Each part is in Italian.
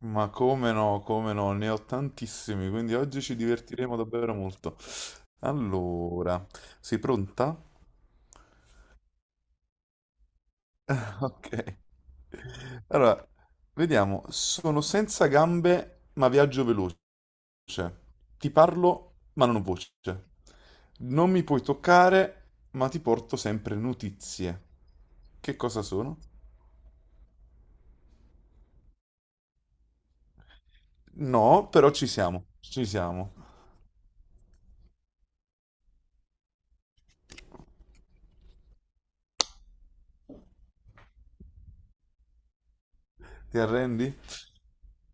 Ma come no, come no, ne ho tantissimi, quindi oggi ci divertiremo davvero molto. Allora, sei pronta? Ok. Allora, vediamo. Sono senza gambe, ma viaggio veloce. Ti parlo, ma non ho voce. Non mi puoi toccare, ma ti porto sempre notizie. Che cosa sono? No, però ci siamo, ci siamo. Ti arrendi?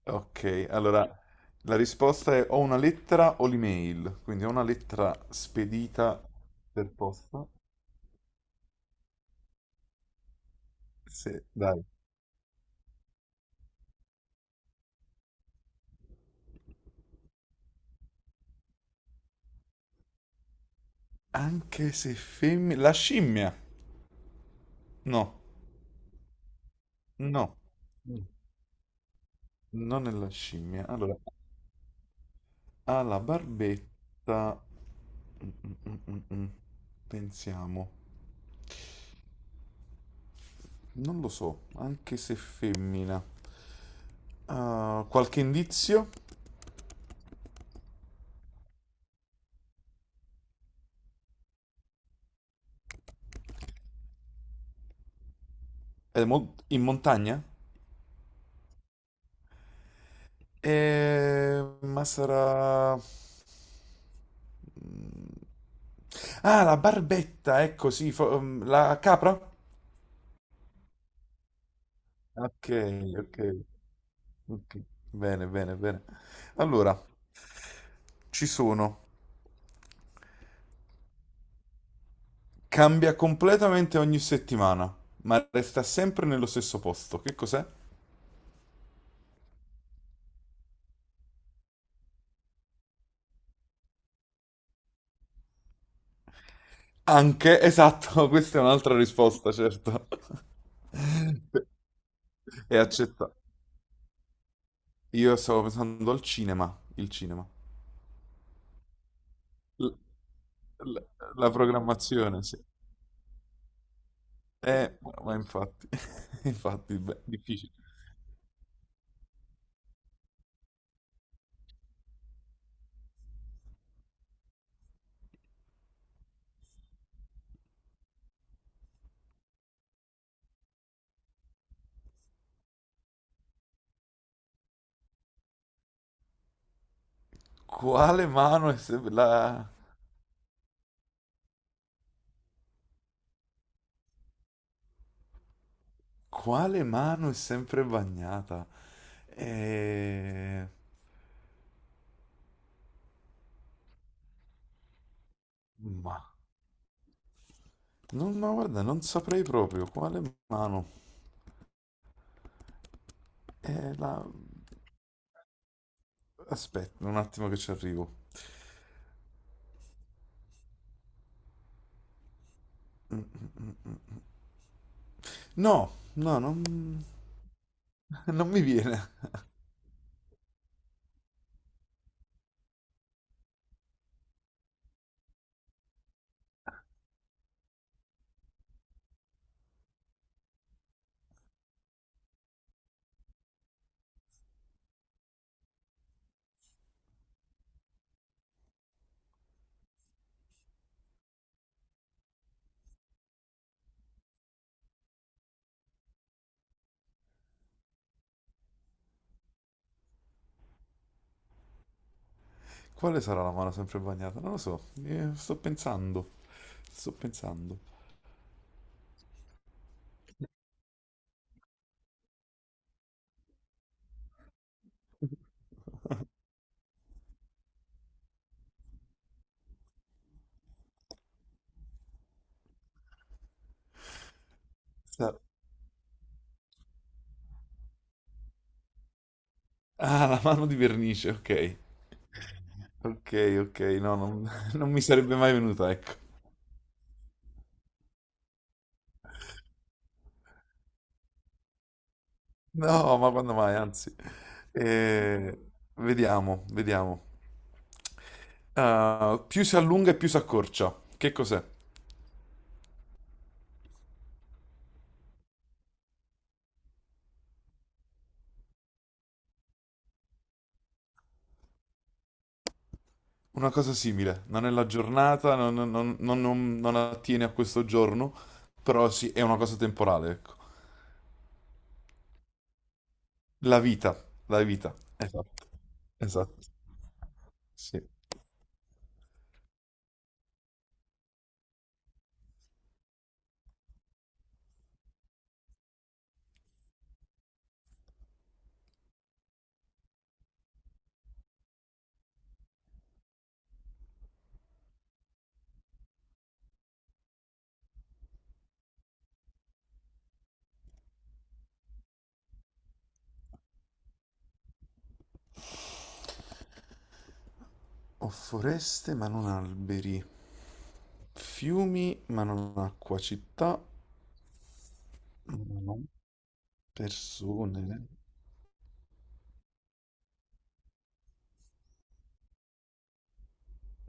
Ok, allora la risposta è o una lettera o l'email, quindi o una lettera spedita per posta. Se, dai. Anche se femmina. La scimmia! No, no, non è la scimmia. Allora, ha la barbetta. Mm, mm, mm, mm, mm. Pensiamo. Non lo so, anche se femmina. Ah, qualche indizio? È in montagna? Ma sarà. Ah, la barbetta, ecco, sì, la capra? Ok, ok, ok. Bene, bene, bene. Allora, ci sono. Cambia completamente ogni settimana, ma resta sempre nello stesso posto. Che cos'è? Anche, esatto, questa è un'altra risposta, certo. È accettata. Io stavo pensando al cinema, il cinema. L- l- La programmazione, sì. Ma infatti, infatti, beh, difficile. Quale mano è sempre la. Quale mano è sempre bagnata? Eh, ma. Non, ma guarda, non saprei proprio quale mano. La. Aspetta un attimo che ci arrivo. Mm, mm, mm, mm. No, no, non, non mi viene. Quale sarà la mano sempre bagnata? Non lo so. Sto pensando. Sto pensando. Ah, la mano di vernice, ok. Ok, ok, no, non, non mi sarebbe mai venuta, ecco. No, ma quando mai, anzi. Eh, vediamo, vediamo. Ah, più si allunga e più si accorcia. Che cos'è? Una cosa simile. Non è la giornata, non attiene a questo giorno, però sì, è una cosa temporale, ecco. La vita, la vita. Esatto, esatto, sì. Ho foreste ma non alberi, fiumi ma non acqua, città. No, no, persone.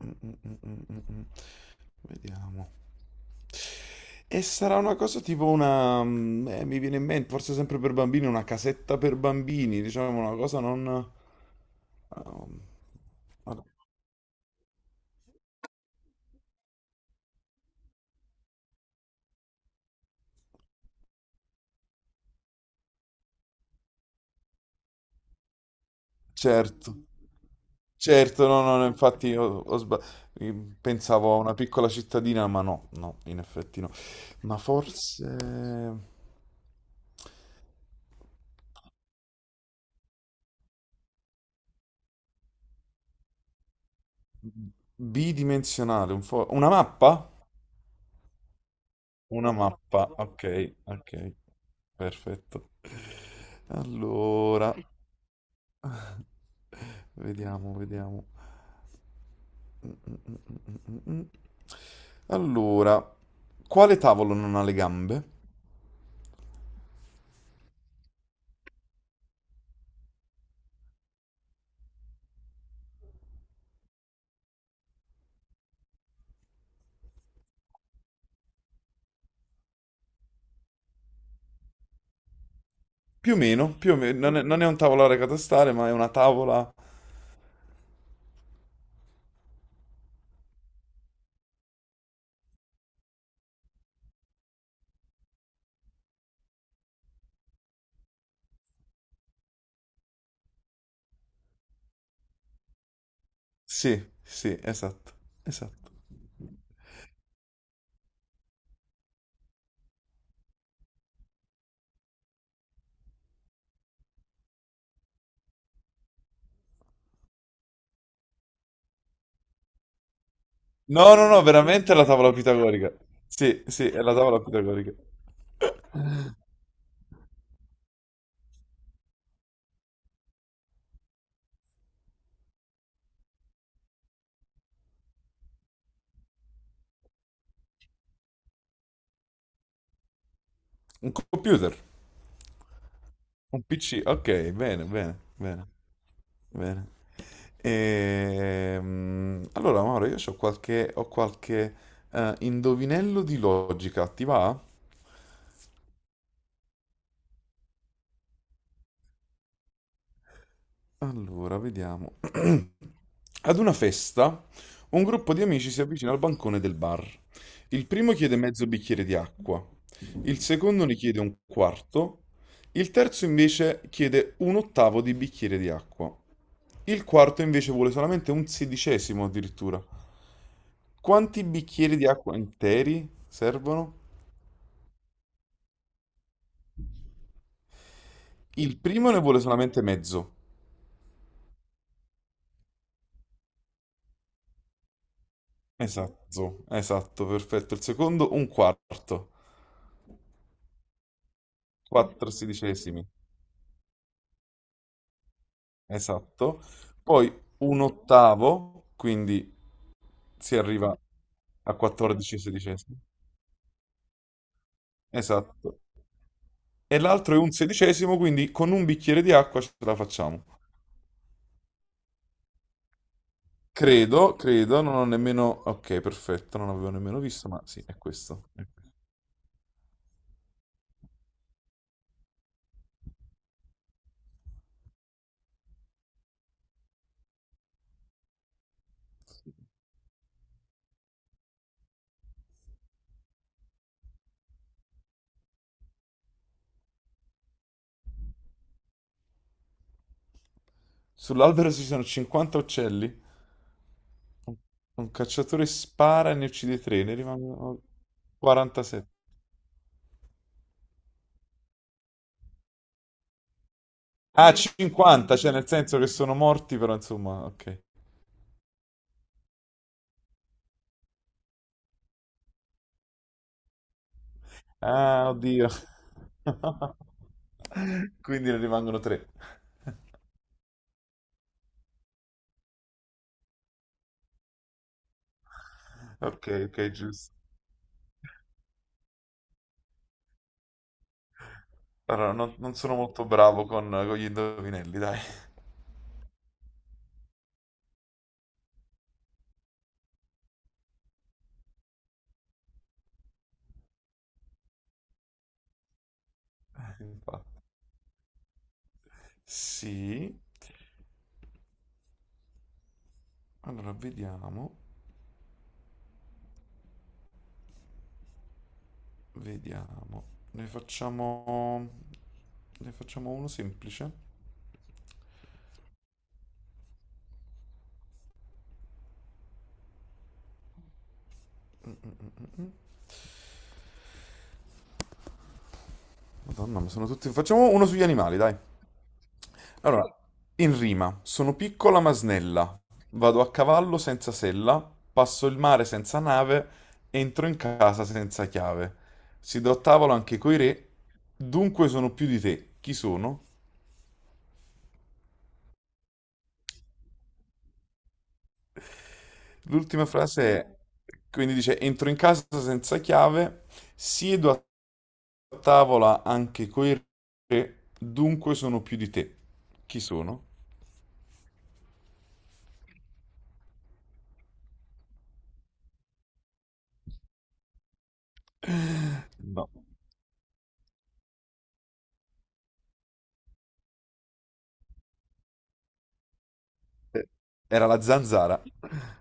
Mm, mm, mm, mm, mm, mm. Vediamo. E sarà una cosa tipo una, mi viene in mente, forse sempre per bambini, una casetta per bambini, diciamo una cosa non, um, ah, certo, certo, no, no, no, infatti io pensavo a una piccola cittadina, ma no, no, in effetti no. Ma forse bidimensionale, una mappa? Una mappa, ok, ok, perfetto. Allora, vediamo, vediamo. Mm, mm, mm, mm, mm. Allora, quale tavolo non ha le gambe? Più o meno, non è un tavolare catastale, ma è una tavola. Sì, sì, esatto, esatto. No, no, no, veramente è la tavola pitagorica. Sì, sì, è la tavola pitagorica. Un computer, un PC, ok, bene, bene, bene. Bene. Allora, Mauro, io ho qualche, indovinello di logica, ti va? Allora, vediamo. Ad una festa, un gruppo di amici si avvicina al bancone del bar. Il primo chiede mezzo bicchiere di acqua, il secondo ne chiede un quarto, il terzo invece chiede un ottavo di bicchiere di acqua. Il quarto invece vuole solamente un sedicesimo addirittura. Quanti bicchieri di acqua interi servono? Il primo ne vuole solamente mezzo. Esatto, esatto, perfetto. Il secondo un quarto, 4 sedicesimi, esatto. Poi un ottavo, quindi si arriva a 14 sedicesimi. Esatto. E l'altro è un sedicesimo, quindi con un bicchiere di acqua ce la facciamo. Credo, credo, non ho nemmeno. Ok, perfetto, non avevo nemmeno visto, ma sì, è questo. È questo. Sull'albero ci sono 50 uccelli? Un un cacciatore spara e ne uccide 3, ne rimangono 47. Ah, 50, cioè nel senso che sono morti, però insomma, ok. Ah, oddio. Quindi ne rimangono 3. Ok, ok, giusto. Allora, non sono molto bravo con gli indovinelli, dai. Infatti. Sì. Allora, vediamo, vediamo. Ne facciamo. Ne facciamo uno semplice. Madonna, ma sono tutti. Facciamo uno sugli animali, dai. Allora, in rima, sono piccola ma snella, vado a cavallo senza sella, passo il mare senza nave, entro in casa senza chiave. Siedo a tavola anche coi re, dunque sono più di te. Chi sono? L'ultima frase è, quindi dice, entro in casa senza chiave, siedo a tavola anche coi re, dunque sono più di te. Chi sono? No. Eh, era la zanzara,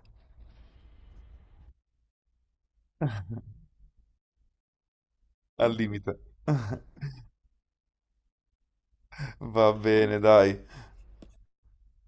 al limite. Va bene, dai.